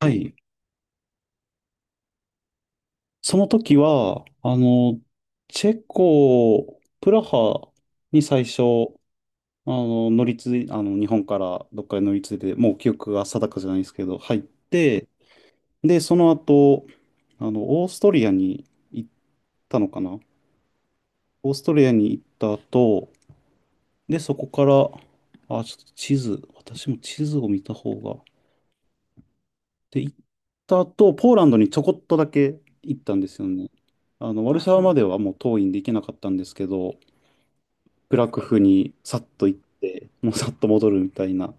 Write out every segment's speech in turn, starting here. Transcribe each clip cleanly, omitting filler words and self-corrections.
はい。その時は、チェコ、プラハに最初、あの、乗り継い、あの、日本からどっかに乗り継いで、もう記憶が定かじゃないですけど、入って、で、その後、オーストリアに行ったのかな。オーストリアに行った後、で、そこから、あ、ちょっと地図、私も地図を見た方が。で、行った後、ポーランドにちょこっとだけ行ったんですよね。ワルシャワまではもう遠いんで行けなかったんですけど、クラクフにさっと行って、もうさっと戻るみたいな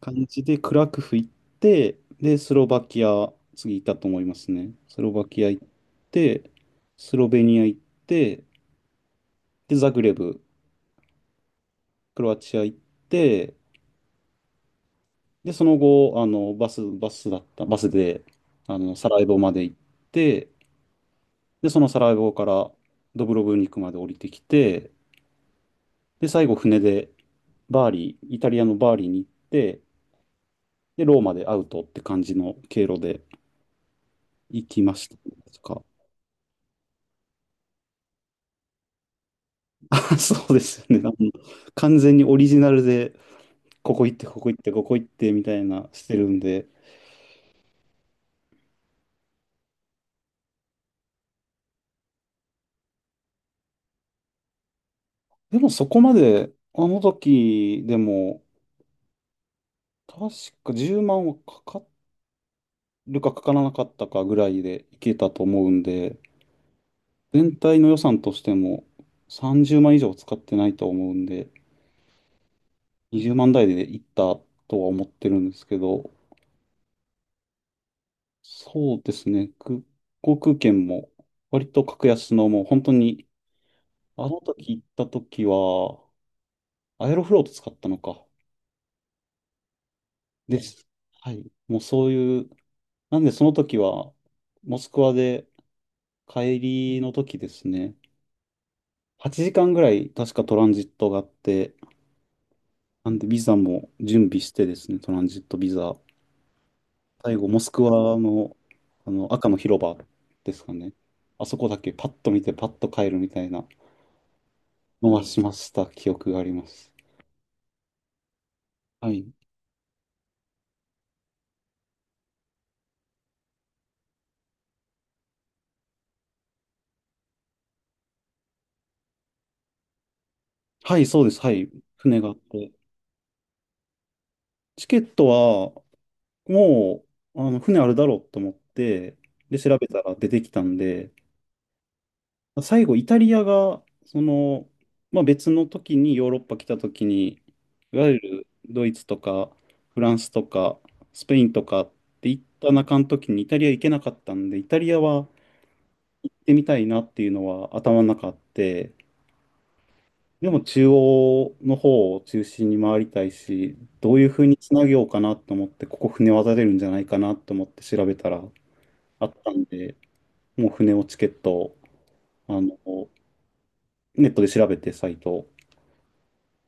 感じで、クラクフ行って、で、スロバキア、次行ったと思いますね。スロバキア行って、スロベニア行って、で、ザグレブ、クロアチア行って、で、その後、バス、バスだった、バスで、サラエボまで行って、で、そのサラエボからドブロブニクまで降りてきて、で、最後船でバーリー、イタリアのバーリーに行って、で、ローマでアウトって感じの経路で行きましたとか。そうですよね。完全にオリジナルで、ここ行って、ここ行って、ここ行ってみたいなしてるんで。でもそこまで、あの時でも、確か10万はかかるかかからなかったかぐらいで行けたと思うんで、全体の予算としても30万以上使ってないと思うんで、20万台でいったとは思ってるんですけど、そうですね、航空券も割と格安のもう本当に、あの時行った時は、アエロフロート使ったのか。です。はい。もうそういう、なんでその時は、モスクワで帰りの時ですね、8時間ぐらい確かトランジットがあって、なんでビザも準備してですね、トランジットビザ。最後、モスクワの、あの赤の広場ですかね。あそこだけパッと見てパッと帰るみたいなのはしました記憶があります。はい。はい、そうです。はい。船があって。チケットは、もう、船あるだろうと思って、で、調べたら出てきたんで、最後、イタリアが、まあ、別の時にヨーロッパ来た時に、いわゆるドイツとかフランスとかスペインとかって行った中の時にイタリア行けなかったんで、イタリアは行ってみたいなっていうのは頭の中あって、でも中央の方を中心に回りたいし、どういうふうにつなげようかなと思って、ここ船渡れるんじゃないかなと思って調べたらあったんで、もう船をチケットを、あの、ネットで調べてサイトを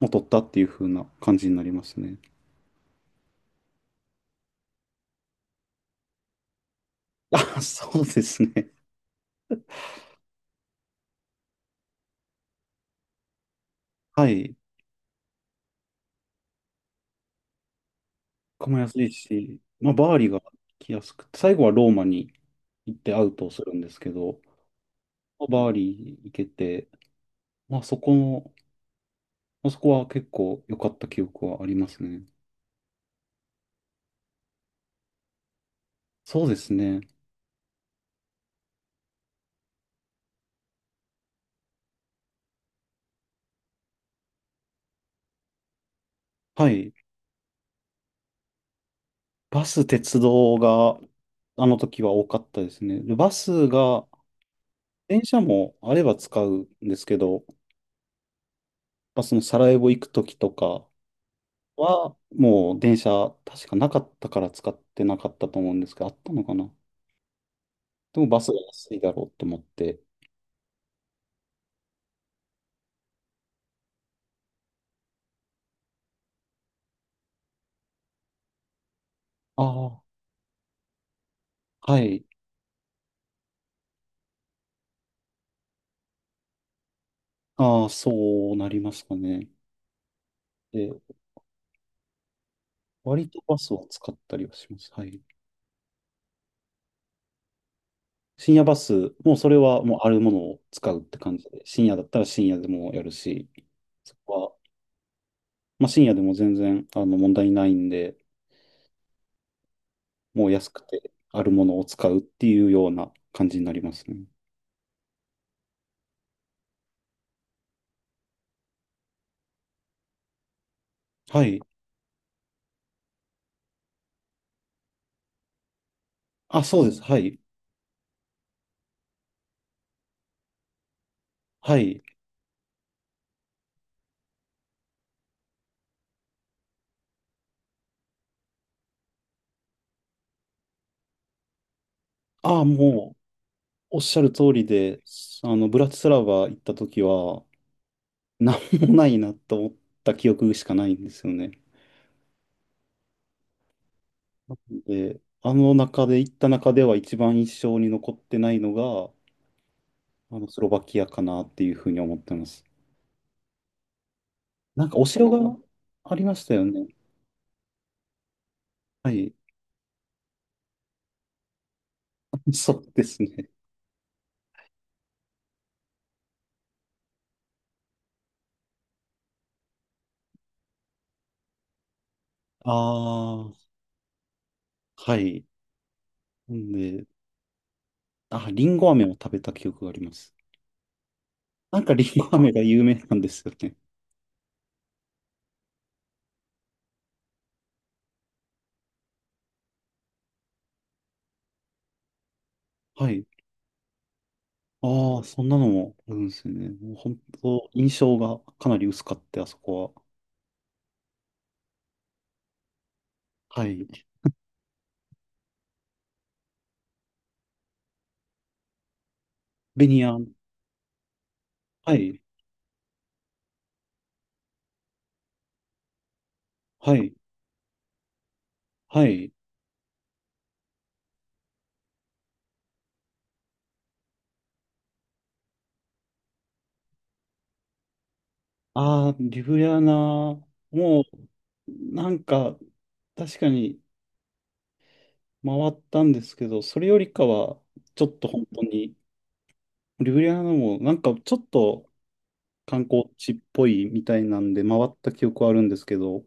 もう取ったっていう風な感じになりますね。あ、そうですね。はい。ここも安いし、まあ、バーリが来やすくて、最後はローマに行ってアウトをするんですけど、まあバーリ行けて、まあ、そこの、まあ、そこは結構良かった記憶はありますね。そうですね。はい。バス、鉄道が、あの時は多かったですね。でバスが、電車もあれば使うんですけど、まあ、そのサラエボ行く時とか、は、もう電車、確かなかったから使ってなかったと思うんですけど、あったのかな。でもバスが安いだろうと思って。ああ、はい。ああ、そうなりますかね。で、割とバスを使ったりはします。はい。深夜バス、もうそれはもうあるものを使うって感じで、深夜だったら深夜でもやるし、そこは、まあ、深夜でも全然問題ないんで、もう安くてあるものを使うっていうような感じになりますね。はい。あ、そうです。はい。はい。ああ、もう、おっしゃる通りで、ブラチスラバ行った時は、なんもないなと思った記憶しかないんですよね。で、あの中で、行った中では一番印象に残ってないのが、スロバキアかなっていうふうに思ってます。なんか、お城がありましたよね。はい。そうですね。ああ、はい。んで、あ、リンゴ飴を食べた記憶があります。なんか、リンゴ飴が有名なんですよね。はい。ああ、そんなのもあるんですよね。もう本当、印象がかなり薄かって、あそこは。はい。ベニヤン。はい。はい。はい。ああ、リブヤナも、なんか、確かに回ったんですけど、それよりかは、ちょっと本当に、リブリアナも、なんかちょっと観光地っぽいみたいなんで、回った記憶はあるんですけど、も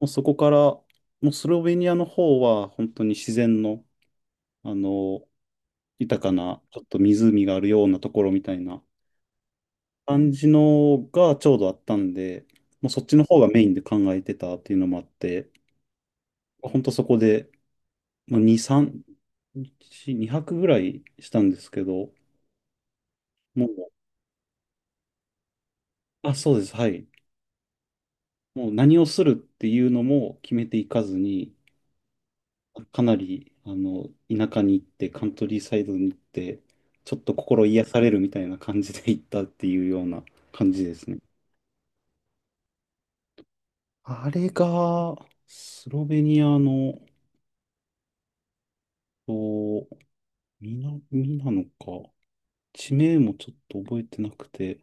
うそこから、もうスロベニアの方は、本当に自然の、あの、豊かな、ちょっと湖があるようなところみたいな感じのがちょうどあったんで、もうそっちの方がメインで考えてたっていうのもあって、本当そこで、まあ、2、3、1 2泊ぐらいしたんですけど、もう、あ、そうです、はい。もう何をするっていうのも決めていかずに、かなり、田舎に行って、カントリーサイドに行って、ちょっと心癒されるみたいな感じで行ったっていうような感じですね。あれが、スロベニアの、と、みな、ミなのか、地名もちょっと覚えてなくて、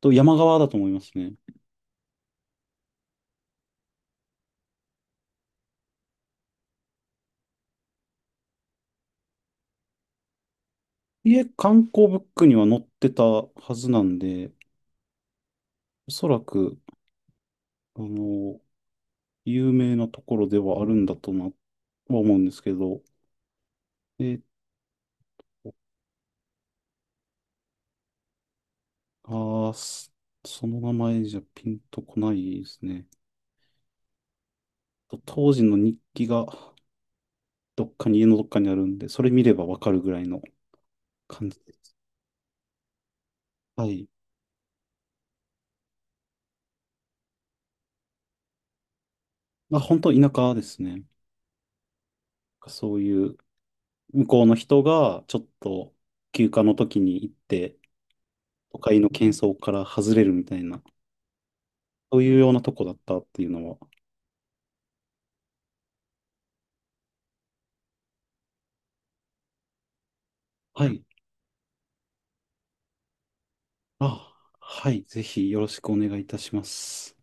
山側だと思いますね。いえ、観光ブックには載ってたはずなんで、おそらく、あの、有名なところではあるんだとな、は思うんですけど、えっとあーすその名前じゃピンとこないですね。当時の日記がどっかに、家のどっかにあるんで、それ見ればわかるぐらいの感じです。はい。まあ、本当田舎ですね。そういう、向こうの人が、ちょっと休暇の時に行って、都会の喧騒から外れるみたいな、そういうようなとこだったっていうのは。はい。あ、はい。ぜひよろしくお願いいたします。